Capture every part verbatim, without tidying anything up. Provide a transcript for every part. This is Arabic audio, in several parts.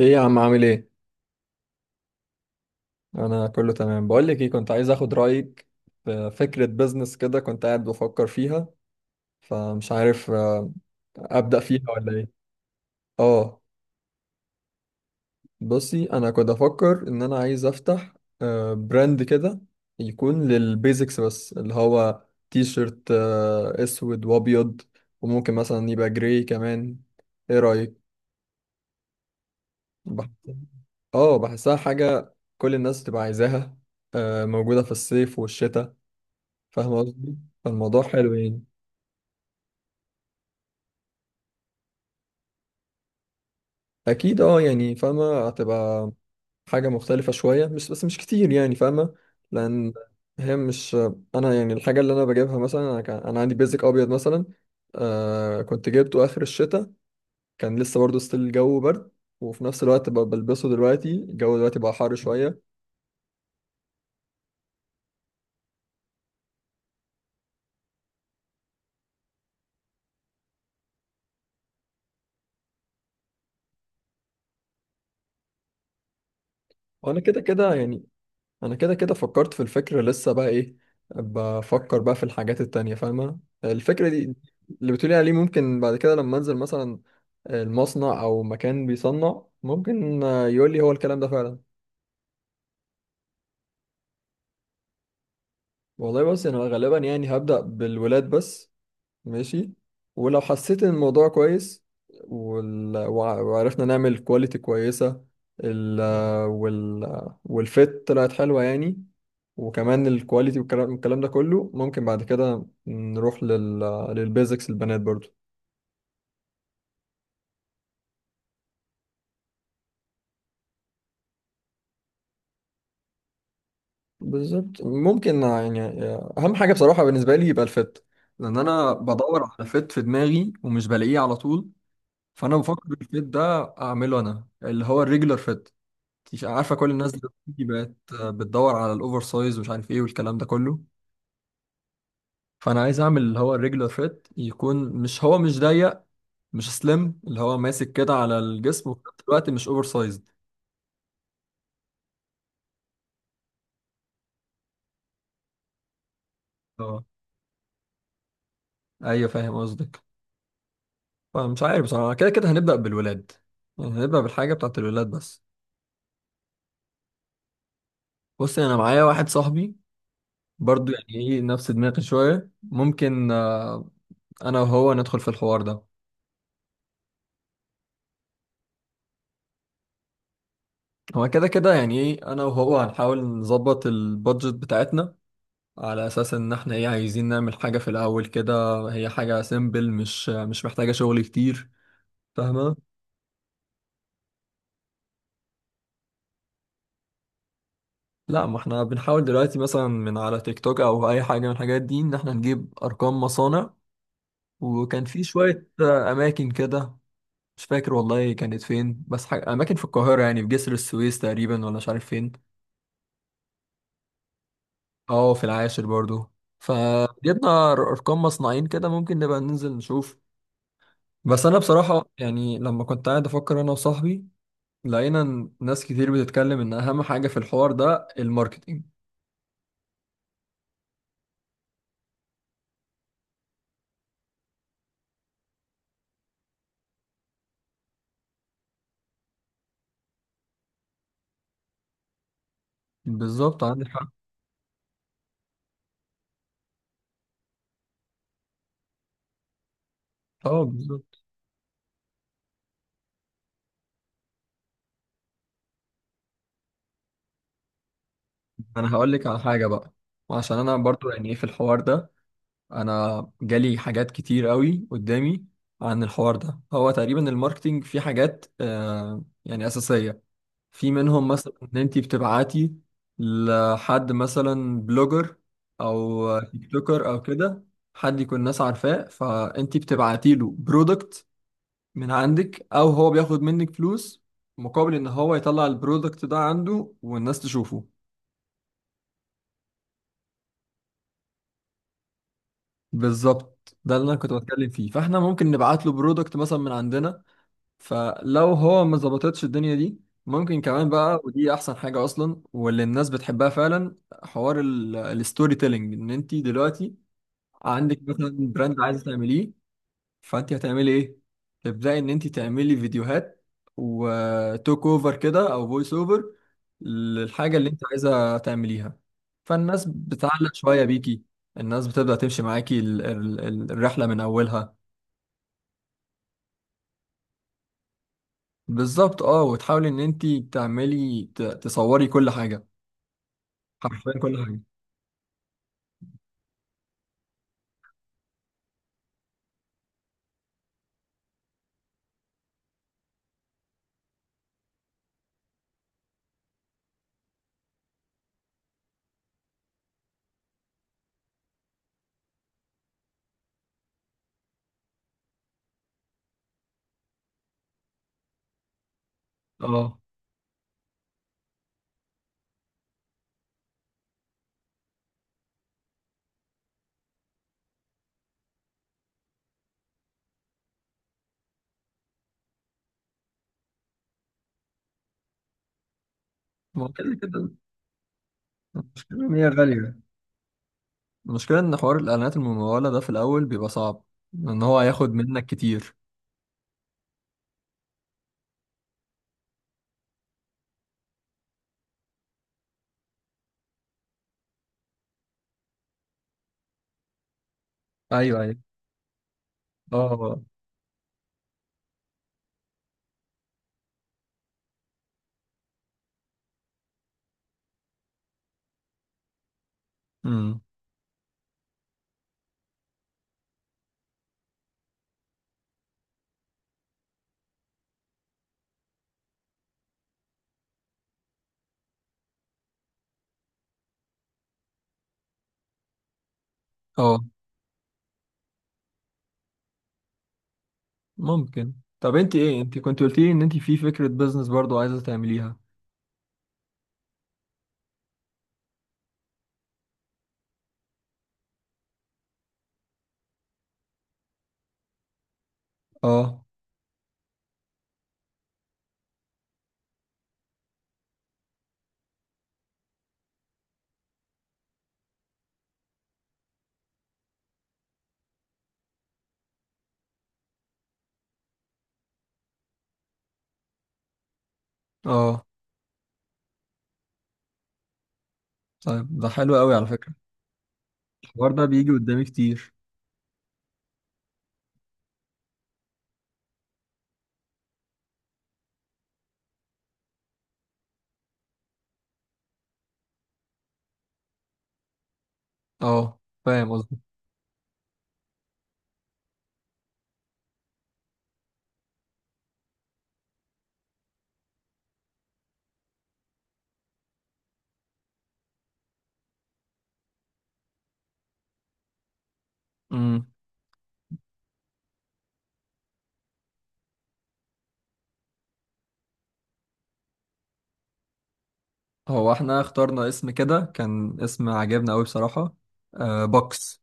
ايه يا عم، عامل ايه؟ انا كله تمام. بقول لك ايه، كنت عايز اخد رايك في فكره بزنس كده، كنت قاعد بفكر فيها، فمش عارف آه، ابدا فيها ولا ايه. اه، بصي، انا كنت افكر ان انا عايز افتح آه، براند كده يكون للبيزكس، بس اللي هو تي شيرت آه، اسود وابيض، وممكن مثلا يبقى جراي كمان. ايه رايك؟ بح- اه، بحسها حاجه كل الناس تبقى عايزاها، آه، موجوده في الصيف والشتاء. فاهم قصدي؟ فالموضوع حلو يعني. اكيد اه، يعني فاهمه هتبقى حاجه مختلفه شويه، مش بس مش كتير، يعني فاهمه. لان هي مش، انا يعني الحاجه اللي انا بجيبها مثلا، انا كان انا عندي بيزك ابيض مثلا، آه كنت جبته اخر الشتاء، كان لسه برضه ستيل الجو برد، وفي نفس الوقت ب- بلبسه دلوقتي، الجو دلوقتي بقى حر شويه. وانا كده كده يعني، انا كده كده فكرت في الفكرة، لسه بقى ايه بفكر بقى في الحاجات التانية. فاهمة الفكرة دي اللي بتقولي عليه؟ ممكن بعد كده لما انزل مثلا المصنع او مكان بيصنع، ممكن يقول لي هو الكلام ده فعلا. والله بس انا غالبا يعني هبدأ بالولاد بس. ماشي. ولو حسيت ان الموضوع كويس، وال... وع- وعرفنا نعمل كواليتي كويسة، ال... وال... والفيت طلعت حلوة يعني، وكمان الكواليتي والكلام الكلام ده كله، ممكن بعد كده نروح لل... للبيزكس البنات برضو. بالظبط ممكن يعني. اهم حاجة بصراحة بالنسبة لي يبقى الفيت، لان انا بدور على فيت في دماغي ومش بلاقيه على طول. فانا بفكر الفيت ده اعمله انا، اللي هو الريجولار فيت. مش عارفه، كل الناس دلوقتي بقت بتدور على الاوفر سايز، ومش عارف ايه والكلام ده كله. فانا عايز اعمل اللي هو الريجولار فيت، يكون مش، هو مش ضيق مش سليم، اللي هو ماسك كده على الجسم، وفي نفس الوقت مش اوفر سايزد. اه، ايوه فاهم قصدك. فمش عارف بصراحه، كده كده هنبدا بالولاد، يعني هنبدا بالحاجه بتاعت الولاد بس. بص، انا معايا واحد صاحبي برضو، يعني ايه نفس دماغي شويه. ممكن آه، انا وهو ندخل في الحوار ده. هو كده كده يعني ايه، انا وهو هنحاول نظبط البادجت بتاعتنا، على اساس ان احنا ايه عايزين نعمل حاجة في الاول كده، هي حاجة سيمبل، مش مش محتاجة شغل كتير. فاهمة؟ لا، ما احنا بنحاول دلوقتي مثلا من على تيك توك او اي حاجة من الحاجات دي، ان احنا نجيب ارقام مصانع. وكان في شوية آه، اماكن كده، مش فاكر والله كانت فين، بس حاجة اماكن في القاهرة، يعني في جسر السويس تقريبا ولا مش عارف فين. اه، في العاشر برضو. فجبنا ر- ارقام مصنعين كده، ممكن نبقى ننزل نشوف. بس انا بصراحة يعني لما كنت قاعد افكر انا وصاحبي، لقينا إن ناس كتير بتتكلم ان اهم حاجة في الحوار ده الماركتينج. بالظبط عندك حق. اه بالظبط. انا هقول لك على حاجة بقى، وعشان انا برضو يعني ايه في الحوار ده، انا جالي حاجات كتير قوي قدامي عن الحوار ده. هو تقريبا الماركتينج في حاجات آه يعني اساسية، في منهم مثلا ان انت بتبعتي لحد مثلا بلوجر او تيك توكر او كده، حد يكون الناس عارفاه، فانت بتبعتي له برودكت من عندك، او هو بياخد منك فلوس مقابل ان هو يطلع البرودكت ده عنده والناس تشوفه. بالظبط، ده اللي انا كنت بتكلم فيه. فاحنا ممكن نبعت له برودكت مثلا من عندنا. فلو هو ما ظبطتش الدنيا دي، ممكن كمان بقى، ودي احسن حاجة اصلا واللي الناس بتحبها فعلا، حوار ال- الستوري تيلينج. ان انت دلوقتي عندك مثلا براند عايزة تعمليه، فانت هتعملي ايه؟ تبداي ان انت تعملي فيديوهات وتوك اوفر كده او فويس اوفر للحاجه اللي انت عايزه تعمليها، فالناس بتعلق شويه بيكي. الناس بتبدا تمشي معاكي ال- ال- ال- الرحله من اولها. بالظبط. اه، وتحاولي ان انت تعملي ت- تصوري كل حاجه، حرفيا كل حاجه. اه. ما هو كده كده المشكله ان هي غاليه، المشكله ان حوار الاعلانات المموله ده في الاول بيبقى صعب، ان هو هياخد منك كتير. ايوه ايوه. اه. امم. اه. ممكن. طب انت ايه، انت كنت قلت لي ان انت في فكرة بيزنس برضو عايزة تعمليها؟ اه. اه، طيب ده حلو قوي على فكرة. الحوار ده بيجي قدامي كتير. اه، فاهم قصدي. امم. هو احنا اخترنا اسم كده، كان اسم عجبنا قوي بصراحة، آه بوكس.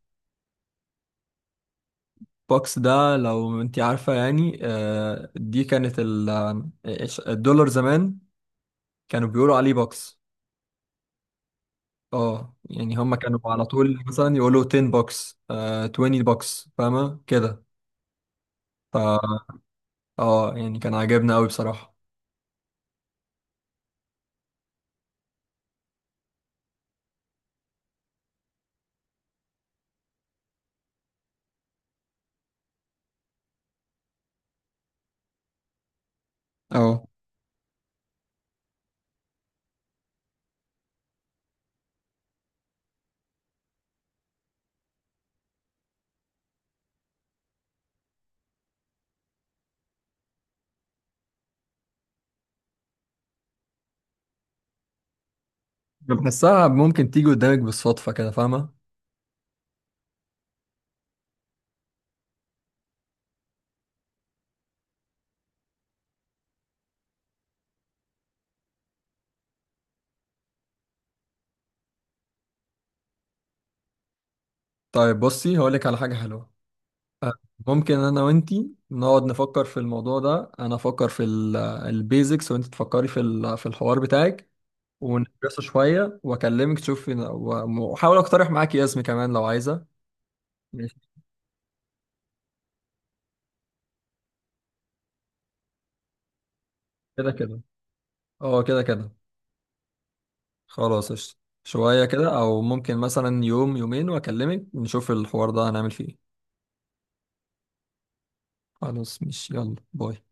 بوكس ده لو انت عارفة، يعني آه، دي كانت ال- إيش- الدولار زمان، كانوا بيقولوا عليه بوكس. اه، يعني هم كانوا على طول مثلا يقولوا عشرة بوكس، آه عشرين بوكس، فاهمة كده؟ ف اه، يعني كان عاجبنا قوي بصراحة. اه، بحسها ممكن تيجي قدامك بالصدفة كده، فاهمة؟ طيب بصي، هقولك على حاجة حلوة آه، ممكن أنا وأنتي نقعد نفكر في الموضوع ده. أنا أفكر في البيزكس، وأنت تفكري في ال- في الحوار بتاعك، وندرسه شوية وأكلمك تشوفي، و- وأحاول أقترح معاكي اسمي كمان لو عايزة. ماشي. كده كده، أه كده كده. خلاص قشطة. شوية كده أو ممكن مثلا يوم يومين، وأكلمك نشوف الحوار ده هنعمل فيه إيه. خلاص مش يلا باي.